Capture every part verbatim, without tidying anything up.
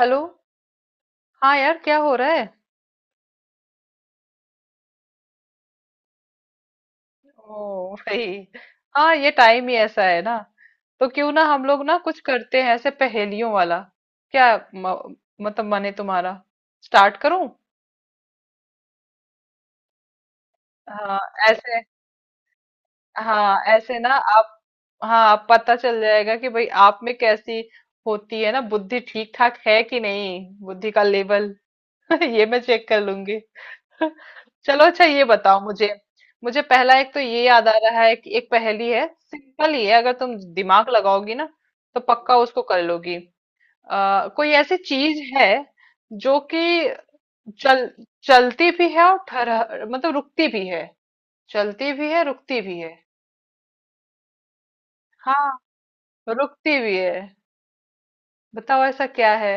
Hello. हाँ यार क्या हो रहा है। ओ भाई, हाँ ये टाइम ही ऐसा है ना। तो क्यों ना हम लोग ना कुछ करते हैं ऐसे पहेलियों वाला। क्या म, मतलब मन है तुम्हारा, स्टार्ट करूं? हाँ, ऐसे। हाँ ऐसे ना आप। हाँ आप पता चल जाएगा कि भाई आप में कैसी होती है ना बुद्धि, ठीक ठाक है कि नहीं बुद्धि का लेवल। ये मैं चेक कर लूंगी। चलो अच्छा ये बताओ मुझे। मुझे पहला एक तो ये याद आ रहा है कि एक पहेली है, सिंपल ही है अगर तुम दिमाग लगाओगी ना तो पक्का उसको कर लोगी। आ, कोई ऐसी चीज है जो कि चल चलती भी है और ठहर मतलब रुकती भी है। चलती भी है रुकती भी है। हाँ, रुकती भी है। बताओ ऐसा क्या है।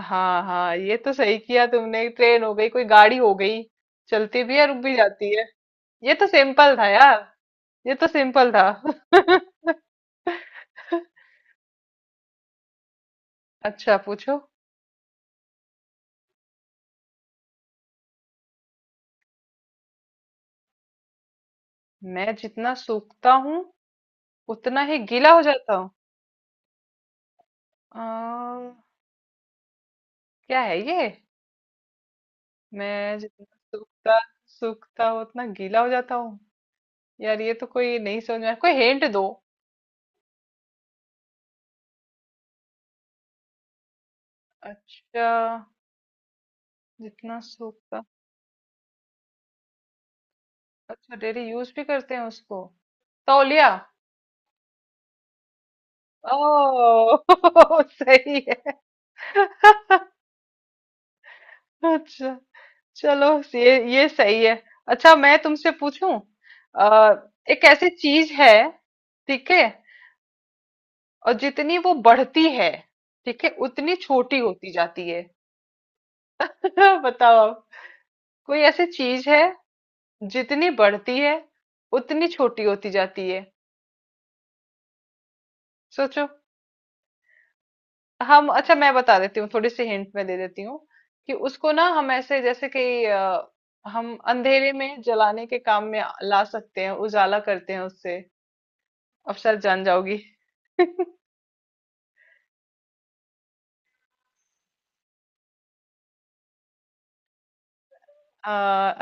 हाँ हाँ ये तो सही किया तुमने, ट्रेन हो गई, कोई गाड़ी हो गई, चलती भी है रुक भी जाती है। ये तो सिंपल था यार। ये तो सिंपल था। अच्छा पूछो। मैं जितना सूखता हूँ उतना ही गीला हो जाता हूँ। अम, क्या है ये। मैं जितना सूखता सूखता हूँ उतना गीला हो जाता हूँ। यार ये तो कोई नहीं समझ में आया। कोई हिंट दो। अच्छा, जितना सूखता। अच्छा डेली यूज भी करते हैं उसको। तौलिया। ओ सही है। अच्छा चलो, ये ये सही है। अच्छा मैं तुमसे पूछूं। आ, एक ऐसी चीज है, ठीक है, और जितनी वो बढ़ती है, ठीक है, उतनी छोटी होती जाती है। बताओ आप, कोई ऐसी चीज है जितनी बढ़ती है उतनी छोटी होती जाती है। सोचो। हम अच्छा मैं बता देती हूँ, थोड़ी सी हिंट में दे देती हूँ कि उसको ना हम ऐसे जैसे कि अ, हम अंधेरे में जलाने के काम में ला सकते हैं, उजाला करते हैं उससे। अब शायद जान जाओगी। अ,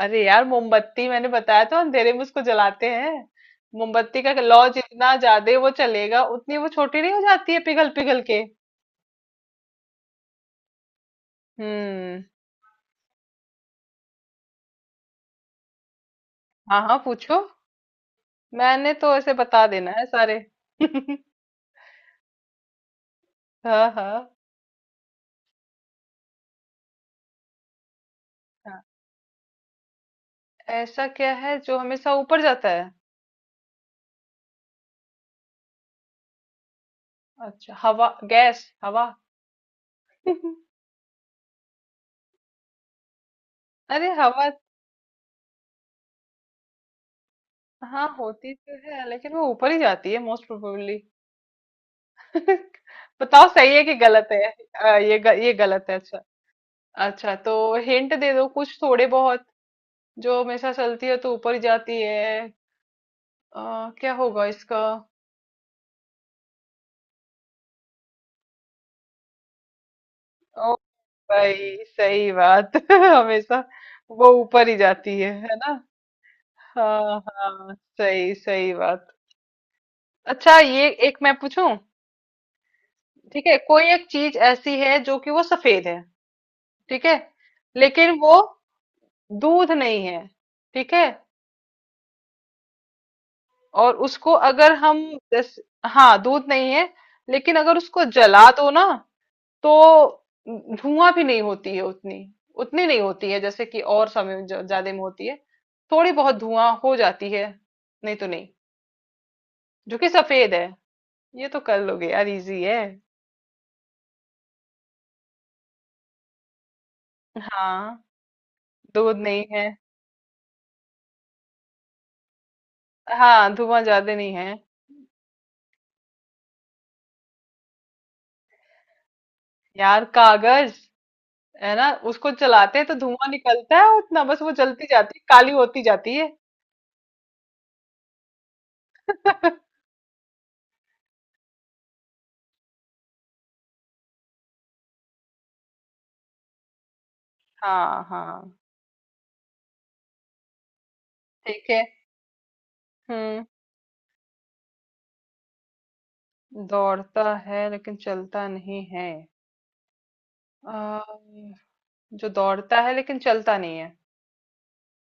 अरे यार मोमबत्ती, मैंने बताया था अंधेरे में उसको जलाते हैं। मोमबत्ती का लौ जितना ज्यादा वो चलेगा उतनी वो छोटी नहीं हो जाती है पिघल पिघल के। हम्म। हाँ हाँ पूछो। मैंने तो ऐसे बता देना है सारे। हाँ हाँ हाँ। ऐसा क्या है जो हमेशा ऊपर जाता है। अच्छा, हवा, गैस, हवा। अरे हवा। हाँ होती तो है लेकिन वो ऊपर ही जाती है मोस्ट प्रोबेबली। बताओ सही है कि गलत है। अ, ये ग, ये गलत है अच्छा। अच्छा तो हिंट दे दो कुछ थोड़े बहुत, जो हमेशा चलती है तो ऊपर जाती है। अ, क्या होगा इसका। ओ भाई सही बात। हमेशा वो ऊपर ही जाती है है ना। हाँ हाँ, सही सही बात। अच्छा ये एक मैं पूछूं। ठीक है, कोई एक चीज ऐसी है जो कि वो सफेद है, ठीक है, लेकिन वो दूध नहीं है, ठीक है, और उसको अगर हम जैसे, हाँ दूध नहीं है, लेकिन अगर उसको जला दो ना तो धुआं भी नहीं होती है उतनी, उतनी नहीं होती है जैसे कि और समय में ज- ज्यादा में होती है। थोड़ी बहुत धुआं हो जाती है, नहीं तो नहीं, जो कि सफेद है। ये तो कर लोगे यार, इजी है। हाँ दूध नहीं है। हाँ धुआं ज्यादा नहीं है। यार कागज, है ना, उसको जलाते हैं तो धुआं निकलता है उतना, बस वो जलती जाती है काली होती जाती है। हाँ हाँ ठीक है। हुँ, दौड़ता है लेकिन चलता नहीं है। अ, जो दौड़ता है लेकिन चलता नहीं है,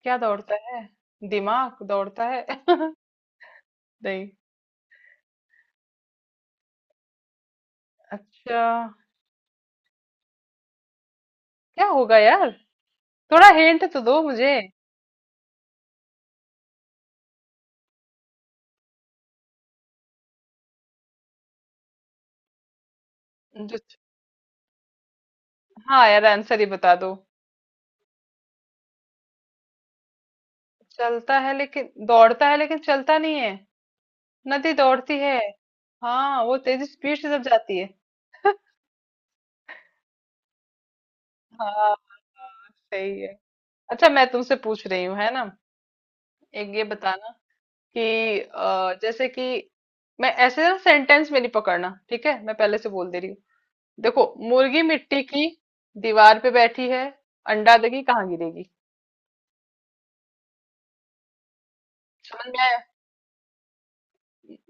क्या दौड़ता है? दिमाग दौड़ता है? नहीं। अच्छा, क्या होगा यार? थोड़ा हिंट तो दो मुझे। जो हाँ, यार आंसर ही बता दो। चलता है लेकिन दौड़ता है लेकिन चलता नहीं है। नदी दौड़ती है। हाँ, वो तेज़ी स्पीड से जब जाती है। हाँ, हाँ, सही है। अच्छा मैं तुमसे पूछ रही हूँ, है ना? एक ये बताना कि अ, जैसे कि मैं ऐसे ना सेंटेंस में नहीं पकड़ना, ठीक है, मैं पहले से बोल दे रही हूँ। देखो, मुर्गी मिट्टी की दीवार पे बैठी है, अंडा देगी कहाँ गिरेगी। समझ में आया?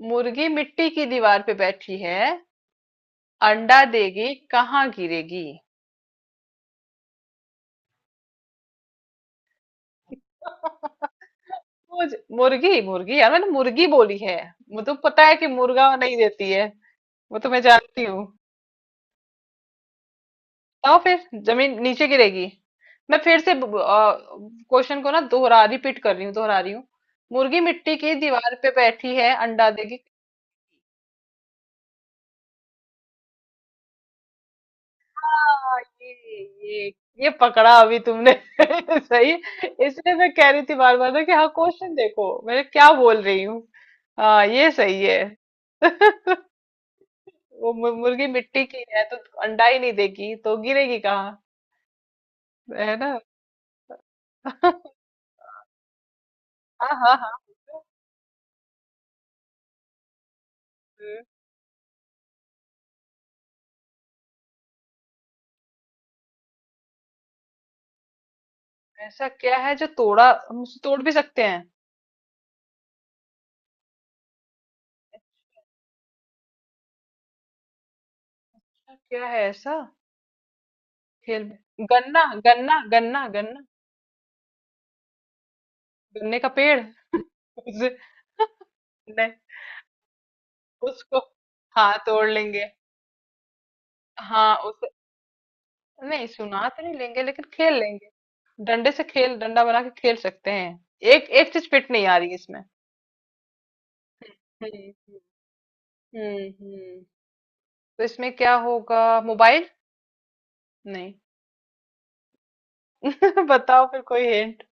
मुर्गी मिट्टी की दीवार पे बैठी है, अंडा देगी कहाँ गिरेगी। मुझ- मुर्गी, मुर्गी यार, मैंने मुर्गी बोली है। मुझे तो पता है कि मुर्गा नहीं देती है, वो तो मैं जानती हूँ। बताओ फिर, जमीन नीचे गिरेगी? मैं फिर से क्वेश्चन को ना दोहरा रिपीट कर रही हूँ, दोहरा रही हूँ। मुर्गी मिट्टी की दीवार पे बैठी है अंडा देगी। हाँ, ये ये ये पकड़ा अभी तुमने। सही। इसलिए मैं कह रही थी बार बार ना कि हाँ क्वेश्चन देखो मैं क्या बोल रही हूँ। हाँ ये सही है। वो मु- मुर्गी मिट्टी की है तो अंडा ही नहीं देगी तो गिरेगी कहाँ, है ना। हाँ हाँ हाँ। ऐसा क्या है जो तोड़ा, हम उसे तोड़ भी सकते हैं। ऐसा क्या है ऐसा। खेल में गन्ना, गन्ना, गन्ना, गन्ना, गन्ने का पेड़। उसे नहीं, उसको, हाँ तोड़ लेंगे। हाँ उसे। नहीं सुना तो नहीं लेंगे लेकिन खेल लेंगे। डंडे से खेल, डंडा बना के खेल सकते हैं। एक एक चीज फिट नहीं आ रही इसमें। हम्म। हम्म हम्म। तो इसमें क्या होगा? मोबाइल? नहीं। बताओ फिर कोई हिंट।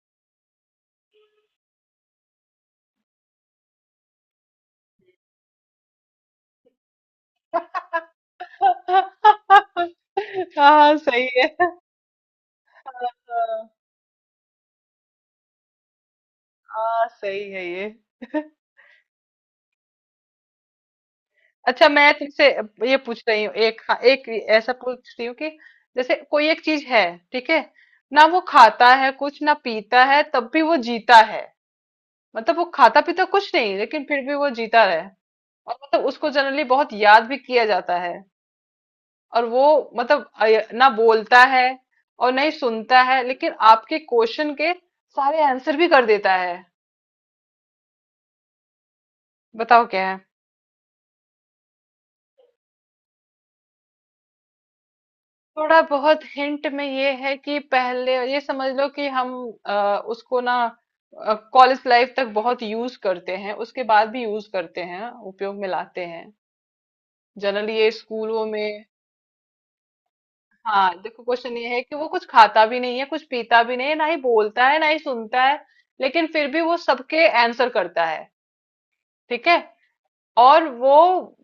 हाँ सही है। हाँ सही है ये। अच्छा मैं तुमसे ये पूछ रही हूँ, एक, हाँ, एक ऐसा पूछ रही हूँ कि जैसे कोई एक चीज है, ठीक है, ना वो खाता है कुछ ना पीता है तब भी वो जीता है। मतलब वो खाता पीता कुछ नहीं लेकिन फिर भी वो जीता रहे, और मतलब उसको जनरली बहुत याद भी किया जाता है, और वो मतलब अय- ना बोलता है और नहीं सुनता है लेकिन आपके क्वेश्चन के सारे आंसर भी कर देता है। बताओ क्या। थोड़ा बहुत हिंट में ये है कि पहले ये समझ लो कि हम अ, उसको ना कॉलेज लाइफ तक बहुत यूज करते हैं, उसके बाद भी यूज करते हैं, उपयोग में लाते हैं, जनरली ये स्कूलों में। हाँ देखो क्वेश्चन ये है कि वो कुछ खाता भी नहीं है कुछ पीता भी नहीं है, ना ही बोलता है ना ही सुनता है, लेकिन फिर भी वो सबके आंसर करता है, ठीक है, और वो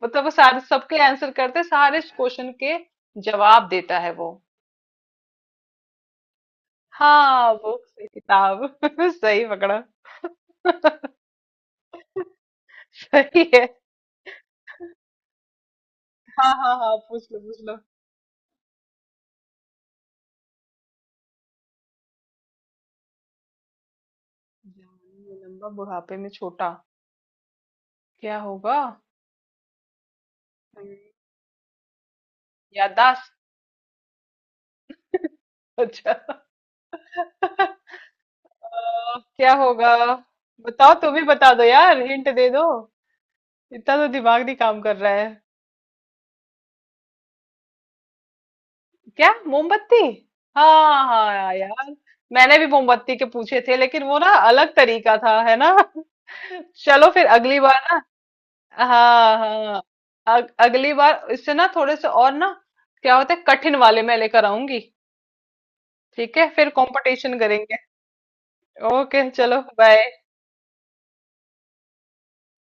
मतलब वो सारे सबके आंसर करते, सारे क्वेश्चन के जवाब देता है वो। हाँ बुक से, किताब। सही पकड़ा, सही है। हाँ हाँ हाँ पूछ लो पूछ लो। जवानी में लंबा बुढ़ापे में छोटा, क्या होगा? हम्म, याददाश्त? अच्छा। अ, क्या होगा? बताओ तुम ही बता दो यार, हिंट दे दो, इतना तो दिमाग नहीं काम कर रहा है। क्या मोमबत्ती? हाँ हाँ हाँ, यार मैंने भी मोमबत्ती के पूछे थे लेकिन वो ना अलग तरीका था है ना। चलो फिर अगली बार। हाँ हाँ। अग, अगली बार इससे ना थोड़े से और ना क्या होता है कठिन वाले मैं लेकर आऊंगी, ठीक है, फिर कंपटीशन करेंगे। ओके चलो बाय।